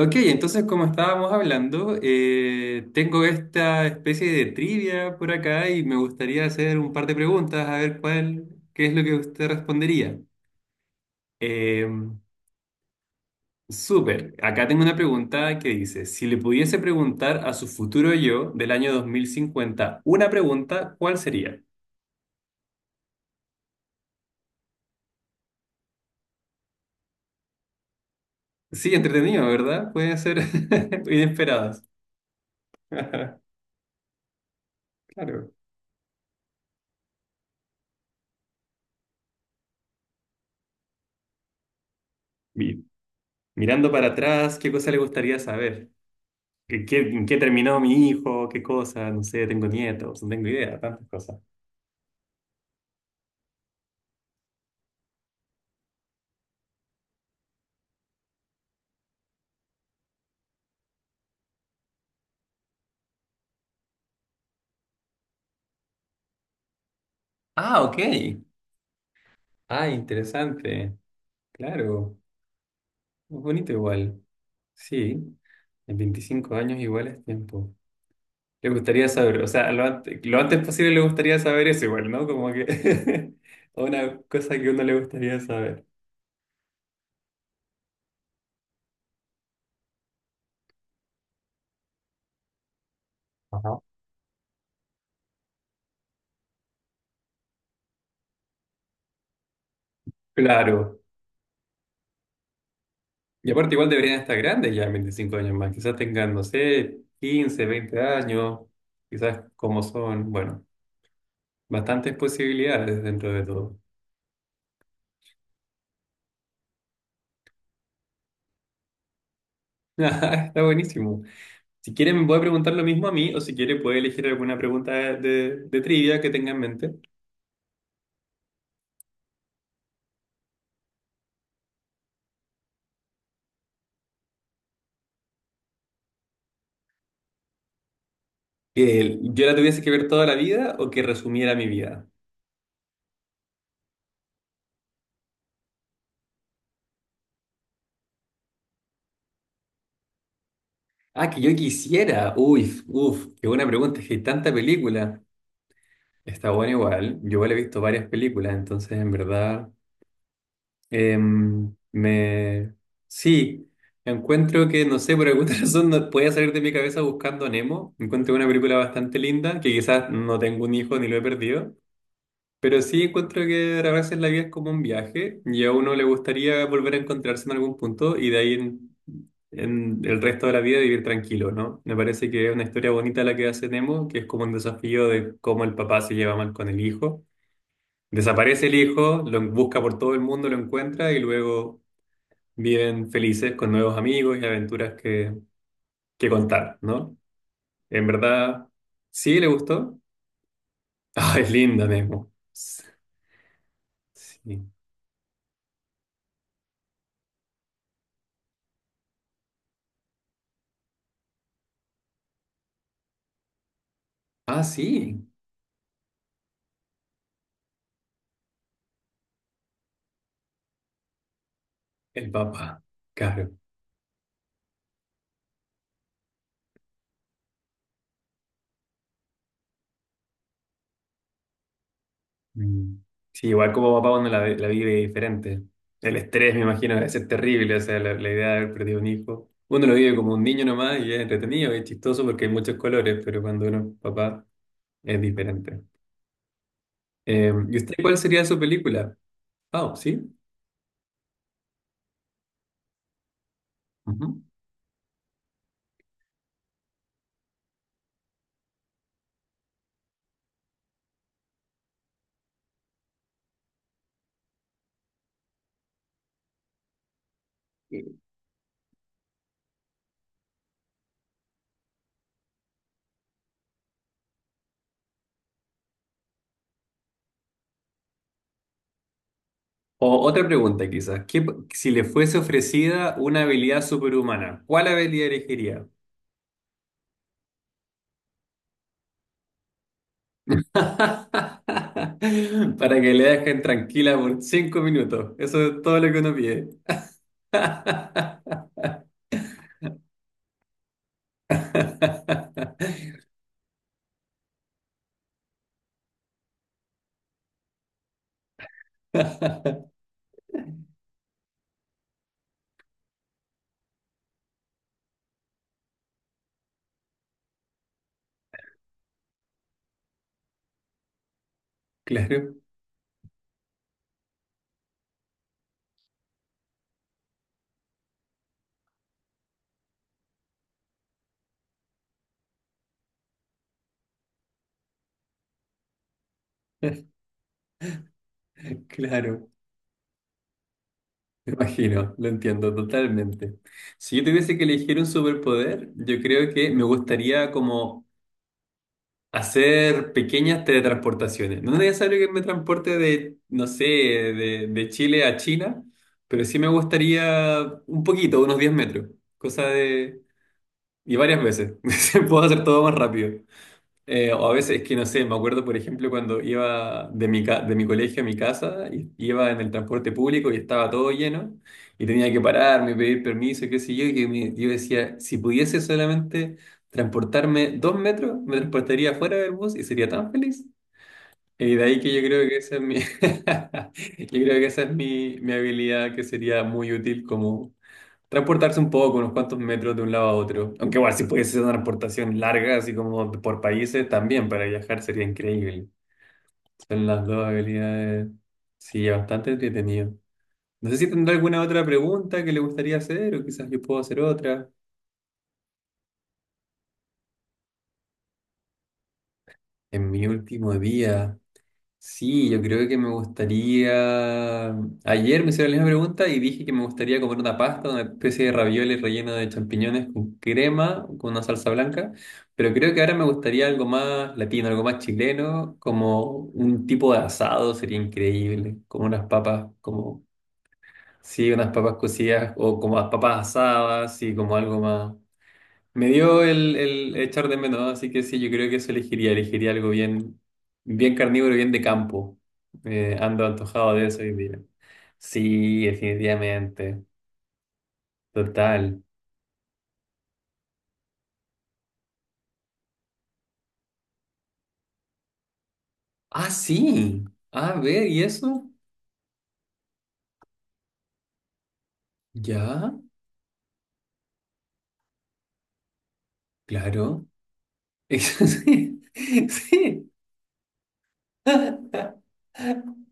Ok, entonces como estábamos hablando, tengo esta especie de trivia por acá y me gustaría hacer un par de preguntas a ver cuál, qué es lo que usted respondería. Eh, Súper, acá tengo una pregunta que dice, si le pudiese preguntar a su futuro yo del año 2050 una pregunta, ¿cuál sería? Sí, entretenido, ¿verdad? Pueden ser inesperadas. Claro. Mi- Mirando para atrás, ¿qué cosa le gustaría saber? ¿En qué terminó mi hijo? ¿Qué cosa? No sé, tengo nietos, no tengo idea, tantas cosas. Ah, ok. Ah, interesante. Claro. Muy bonito igual. Sí, en 25 años igual es tiempo. Le gustaría saber, o sea, lo antes posible le gustaría saber eso igual, ¿no? Como que una cosa que uno le gustaría saber. Ajá. Claro. Y aparte igual deberían estar grandes ya, en 25 años más. Quizás tengan, no sé, 15 20 años. Quizás como son, bueno. Bastantes posibilidades dentro de todo. Está buenísimo. Si quiere me puede preguntar lo mismo a mí o si quiere puede elegir alguna pregunta de trivia que tenga en mente. Que yo la tuviese que ver toda la vida o que resumiera mi vida. Ah, que yo quisiera. Uy, uf, qué buena pregunta. Es que hay tanta película. Está bueno igual. Yo igual he visto varias películas, entonces en verdad... me... Sí, encuentro que, no sé, por alguna razón no puede salir de mi cabeza buscando a Nemo. Encuentro una película bastante linda, que quizás no tengo un hijo ni lo he perdido, pero sí encuentro que a veces la vida es como un viaje y a uno le gustaría volver a encontrarse en algún punto y de ahí en el resto de la vida vivir tranquilo, ¿no? Me parece que es una historia bonita la que hace Nemo, que es como un desafío de cómo el papá se lleva mal con el hijo. Desaparece el hijo, lo busca por todo el mundo, lo encuentra y luego viven felices con nuevos amigos y aventuras que contar, ¿no? En verdad, sí le gustó. Ah, es linda, Nemo. Sí. Ah, sí, el papá. Claro. Mm. Sí, igual como papá uno la vive diferente. El estrés, me imagino, debe ser terrible. O sea, la idea de haber perdido un hijo. Uno lo vive como un niño nomás y es entretenido, es chistoso porque hay muchos colores, pero cuando uno es papá es diferente. ¿Y usted cuál sería su película? Ah, sí. Ujú. O otra pregunta quizás, si le fuese ofrecida una habilidad superhumana, ¿cuál habilidad elegiría? Para que le dejen tranquila por 5 minutos. Eso es todo lo que uno pide. Claro, claro. Me imagino, lo entiendo totalmente. Si yo tuviese que elegir un superpoder, yo creo que me gustaría como hacer pequeñas teletransportaciones. No es necesario que me transporte de, no sé, de Chile a China, pero sí me gustaría un poquito, unos 10 metros. Cosa de... Y varias veces. Puedo hacer todo más rápido. O a veces es que no sé, me acuerdo, por ejemplo, cuando iba de mi colegio a mi casa, y iba en el transporte público y estaba todo lleno, y tenía que pararme, pedir permiso, qué sé yo, y yo decía, si pudiese solamente transportarme 2 metros, me transportaría fuera del bus y sería tan feliz. Y de ahí que yo creo que esa es mi, yo creo que esa es mi habilidad que sería muy útil como transportarse un poco, unos cuantos metros de un lado a otro. Aunque igual si pudiese ser una transportación larga, así como por países, también para viajar sería increíble. Son las dos habilidades. Sí, bastante entretenido. No sé si tendrá alguna otra pregunta que le gustaría hacer o quizás yo puedo hacer otra. En mi último día. Sí, yo creo que me gustaría. Ayer me hicieron la misma pregunta y dije que me gustaría comer una pasta, una especie de ravioles relleno de champiñones con crema, con una salsa blanca. Pero creo que ahora me gustaría algo más latino, algo más chileno, como un tipo de asado sería increíble, como unas papas, como sí, unas papas cocidas o como las papas asadas, y como algo más. Me dio el echar de menos, así que sí, yo creo que eso elegiría. Elegiría algo bien, bien carnívoro, bien de campo. Ando antojado de eso hoy día. Sí, definitivamente. Total. Ah, sí. A ver, ¿y eso? Ya, claro. Eso sí. Sí.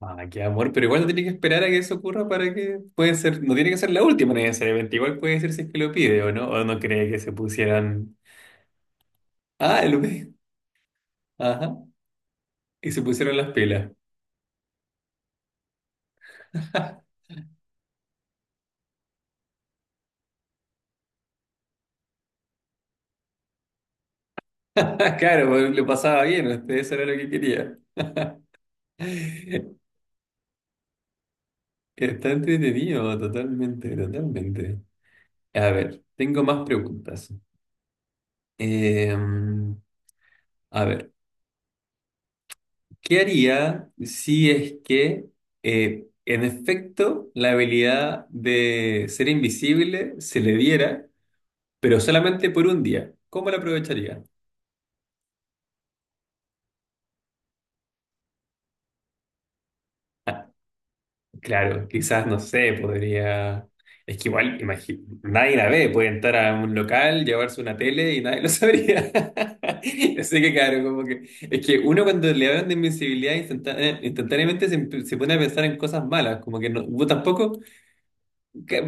Ah, qué amor, pero igual no tiene que esperar a que eso ocurra para que puede ser, no tiene que ser la última necesariamente, igual puede ser si es que lo pide o no cree que se pusieran. Ah, lo Ajá. Y se pusieron las pilas. Claro, pues, lo pasaba bien, usted eso era lo que quería. Está entretenido, totalmente, totalmente. A ver, tengo más preguntas. Eh, a ver, ¿qué haría si es que, en efecto, la habilidad de ser invisible se le diera, pero solamente por un día? ¿Cómo la aprovecharía? Claro, quizás, no sé, podría... Es que igual, nadie la ve, puede entrar a un local, llevarse una tele y nadie lo sabría. Así que claro, como que... Es que uno cuando le hablan de instantáneamente se pone a pensar en cosas malas, como que no, vos tampoco... ¿Qué,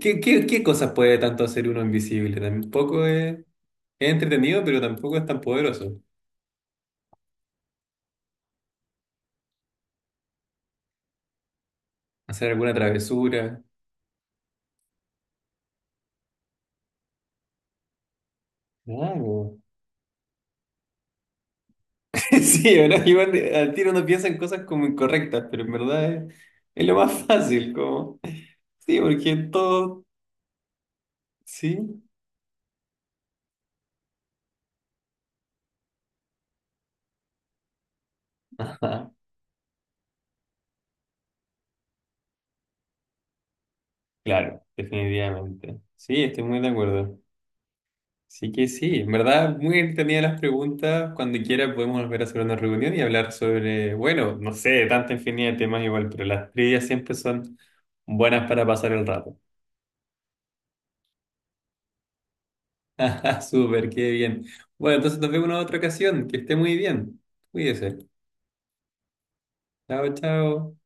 qué cosas puede tanto hacer uno invisible? Tampoco es entretenido, pero tampoco es tan poderoso. Hacer alguna travesura. Claro. Sí, ¿verdad? Igual al tiro uno piensa en cosas como incorrectas, pero en verdad es lo más fácil, como. Sí, porque todo. Sí. Ajá. Claro, definitivamente. Sí, estoy muy de acuerdo. Sí que sí, en verdad, muy entretenidas las preguntas. Cuando quiera podemos volver a hacer una reunión y hablar sobre, bueno, no sé, tanta infinidad de temas igual, pero las trivias siempre son buenas para pasar el rato. Súper, qué bien. Bueno, entonces nos vemos en otra ocasión. Que esté muy bien. Cuídese. Chao, chao.